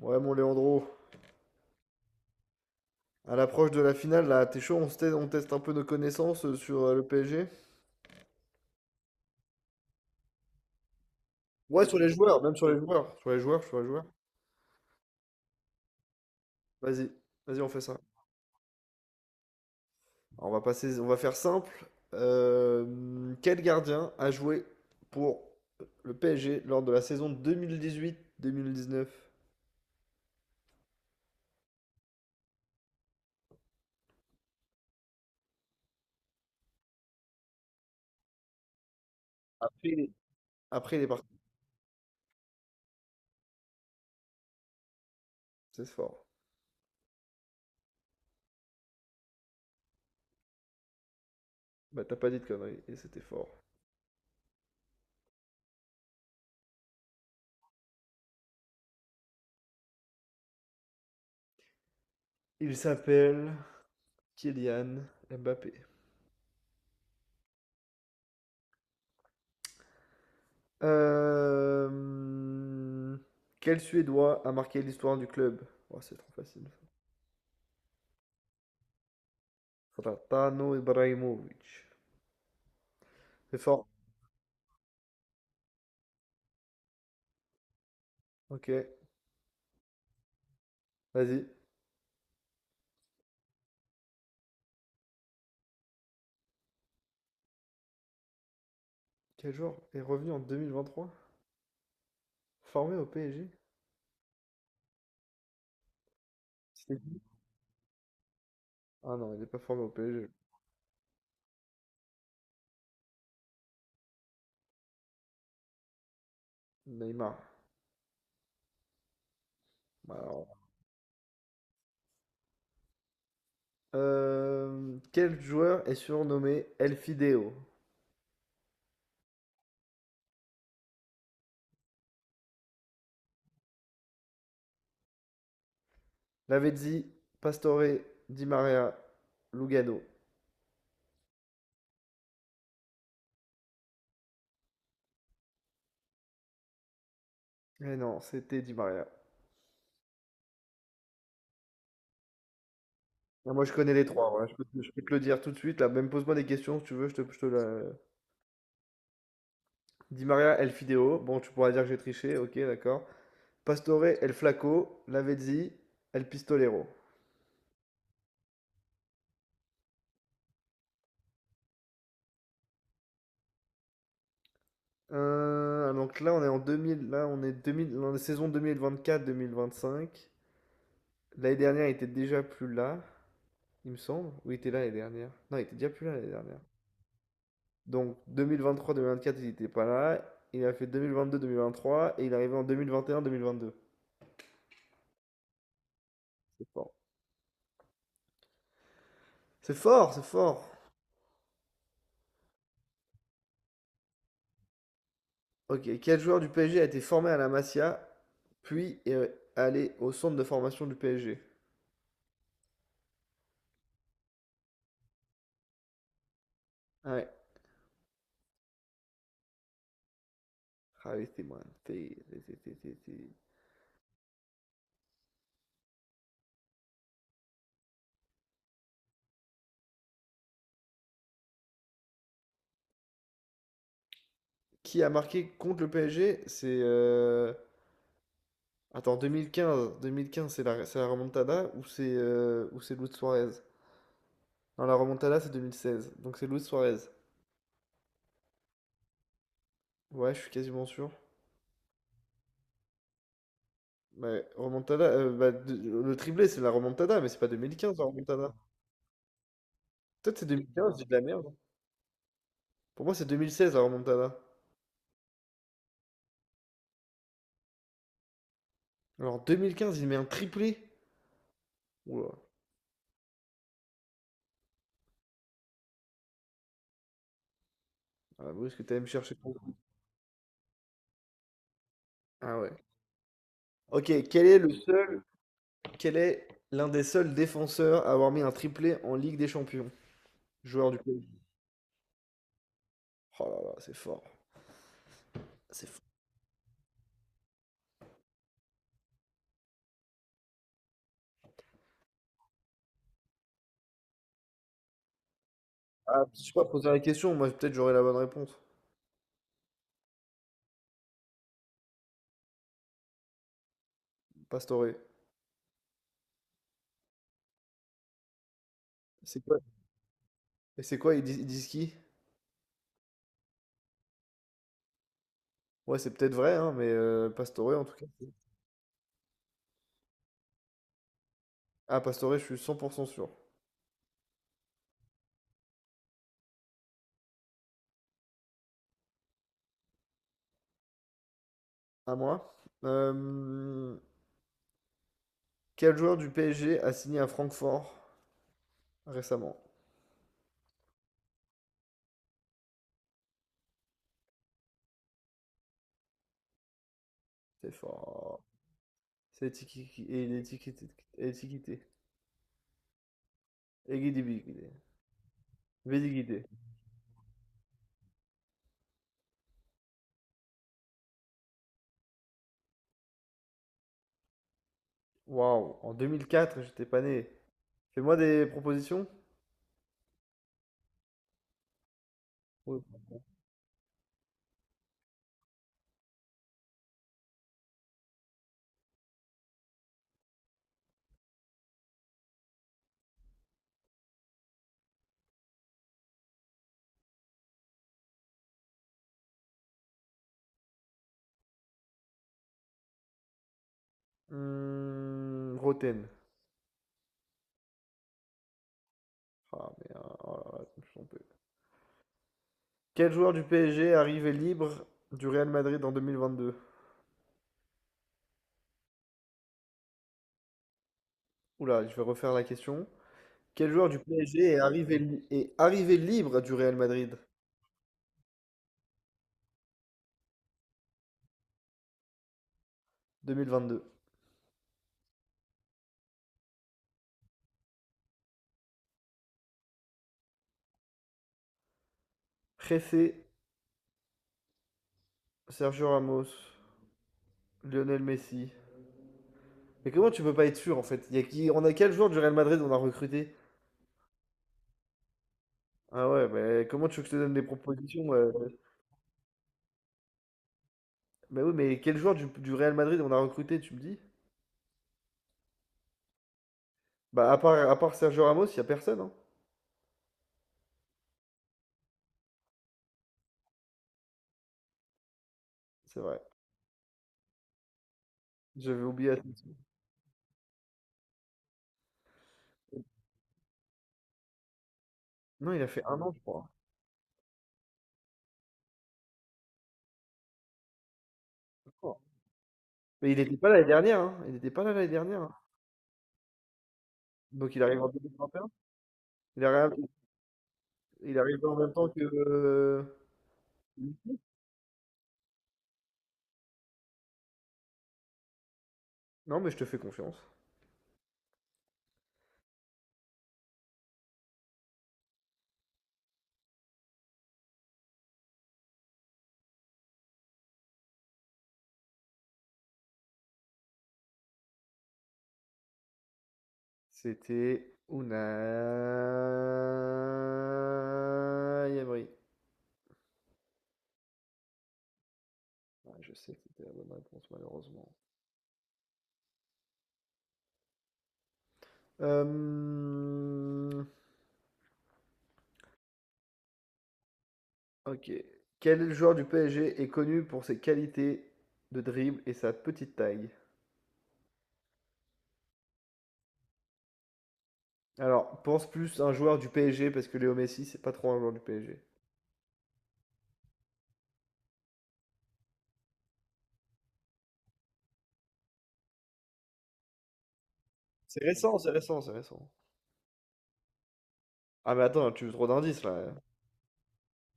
Ouais, mon Léandro, à l'approche de la finale, là, t'es chaud, on teste un peu nos connaissances sur le PSG? Ouais, sur les joueurs, même sur les joueurs. Sur les joueurs, sur les joueurs. Vas-y, vas-y, on fait ça. Alors, on va passer, on va faire simple. Quel gardien a joué pour le PSG lors de la saison 2018-2019? Après, il est parti. C'est fort. Bah, t'as pas dit de conneries, et c'était fort. Il s'appelle Kylian Mbappé. Euh, Quel Suédois a marqué l'histoire du club? Oh, c'est trop facile. Zlatan Ibrahimovic. C'est fort. Ok, vas-y. Quel joueur est revenu en 2023 formé au PSG? C'était qui? Ah non, il n'est pas formé au PSG. Neymar. Bah, alors, quel joueur est surnommé El Fideo? Lavezzi, Pastore, Di Maria, Lugano. Eh non, c'était Di Maria. Ah, moi, je connais les trois, voilà. Je peux te le dire tout de suite. Là, même pose-moi des questions si tu veux. Je te la. Di Maria, El Fideo. Bon, tu pourras dire que j'ai triché. Ok, d'accord. Pastore, El Flaco, Lavezzi, El Pistolero. Donc là, on est en 2000. Là, on est 2000, dans la saison 2024-2025. L'année dernière, il était déjà plus là, il me semble. Ou il était là l'année dernière? Non, il était déjà plus là l'année dernière. Donc 2023-2024, il n'était pas là. Il a fait 2022-2023 et il est arrivé en 2021-2022. C'est fort. C'est fort, c'est fort. Ok, quel joueur du PSG a été formé à la Masia, puis est allé au centre de formation du PSG? Ouais. Ah oui, c'était t'es. Qui a marqué contre le PSG? C'est, attends, 2015. 2015, c'est la remontada ou c'est Luis Suarez? Non, la remontada c'est 2016. Donc c'est Luis Suarez. Ouais, je suis quasiment sûr. Ouais, remontada, bah, le triplé c'est la remontada, mais c'est pas 2015 la remontada. Peut-être c'est 2015, je dis de la merde. Pour moi, c'est 2016 la remontada. Alors, en 2015, il met un triplé. Oula. Ah, Bruce, que t'allais me chercher. Ah ouais. Ok, quel est l'un des seuls défenseurs à avoir mis un triplé en Ligue des Champions? Joueur du PSG. Oh là là, c'est fort. C'est fort. Ah, je sais pas poser la question, moi peut-être j'aurai la bonne réponse. Pastore. C'est quoi? Et c'est quoi? Ils disent qui? Ouais, c'est peut-être vrai, hein, mais Pastore en tout cas. Ah, Pastore, je suis 100% sûr. À moi. Quel joueur du PSG a signé à Francfort récemment. C'est fort. C'est étiqueté. Étiqueté. Étiqueté. Éguidibiguidé. Bédiguidé. Waouh, en 2004, j'étais pas né. Fais-moi des propositions. Ouais. Hmm, Roten. Ah, mais, ah, oh là là, je me suis trompé. Quel joueur du PSG est arrivé libre du Real Madrid en 2022? Oula, je vais refaire la question. Quel joueur du PSG est arrivé libre du Real Madrid 2022? Pressé, Sergio Ramos, Lionel Messi. Mais comment tu peux pas être sûr en fait. Il y a qui? On a quel joueur du Real Madrid on a recruté? Ah ouais, mais comment tu veux que je te donne des propositions, Bah oui, mais quel joueur du Real Madrid on a recruté, tu me dis? Bah, à part Sergio Ramos, il y a personne, hein. C'est vrai. J'avais oublié. Asensio. Non, il a fait un an, je crois. D'accord. Mais il n'était pas là l'année dernière, hein. Il n'était pas là l'année dernière, hein. Donc il arrive en 2021. Il arrive, il arrive en même temps que. Non, mais je te fais confiance. C'était Unai Emery. Ouais, je sais que c'était la bonne réponse, malheureusement. Euh, Ok. Quel joueur du PSG est connu pour ses qualités de dribble et sa petite taille? Alors, pense plus un joueur du PSG parce que Léo Messi, c'est pas trop un joueur du PSG. C'est récent, c'est récent, c'est récent. Ah, mais attends, tu veux trop d'indices là.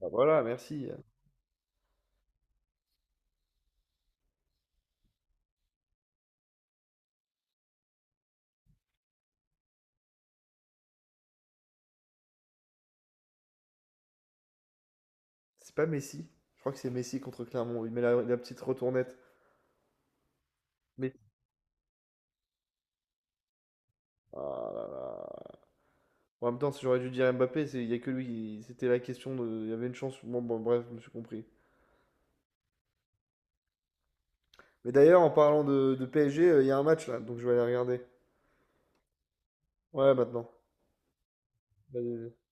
Bah voilà, merci. C'est pas Messi. Je crois que c'est Messi contre Clermont. Il met la petite retournette. Mais. Ah là là. Bon, en même temps, si j'aurais dû dire Mbappé, il y a que lui. C'était la question de. Il y avait une chance. Bon, bon, bref, je me suis compris. Mais d'ailleurs, en parlant de PSG, il y a un match là, donc je vais aller regarder. Ouais, maintenant. Vas-y, vas-y.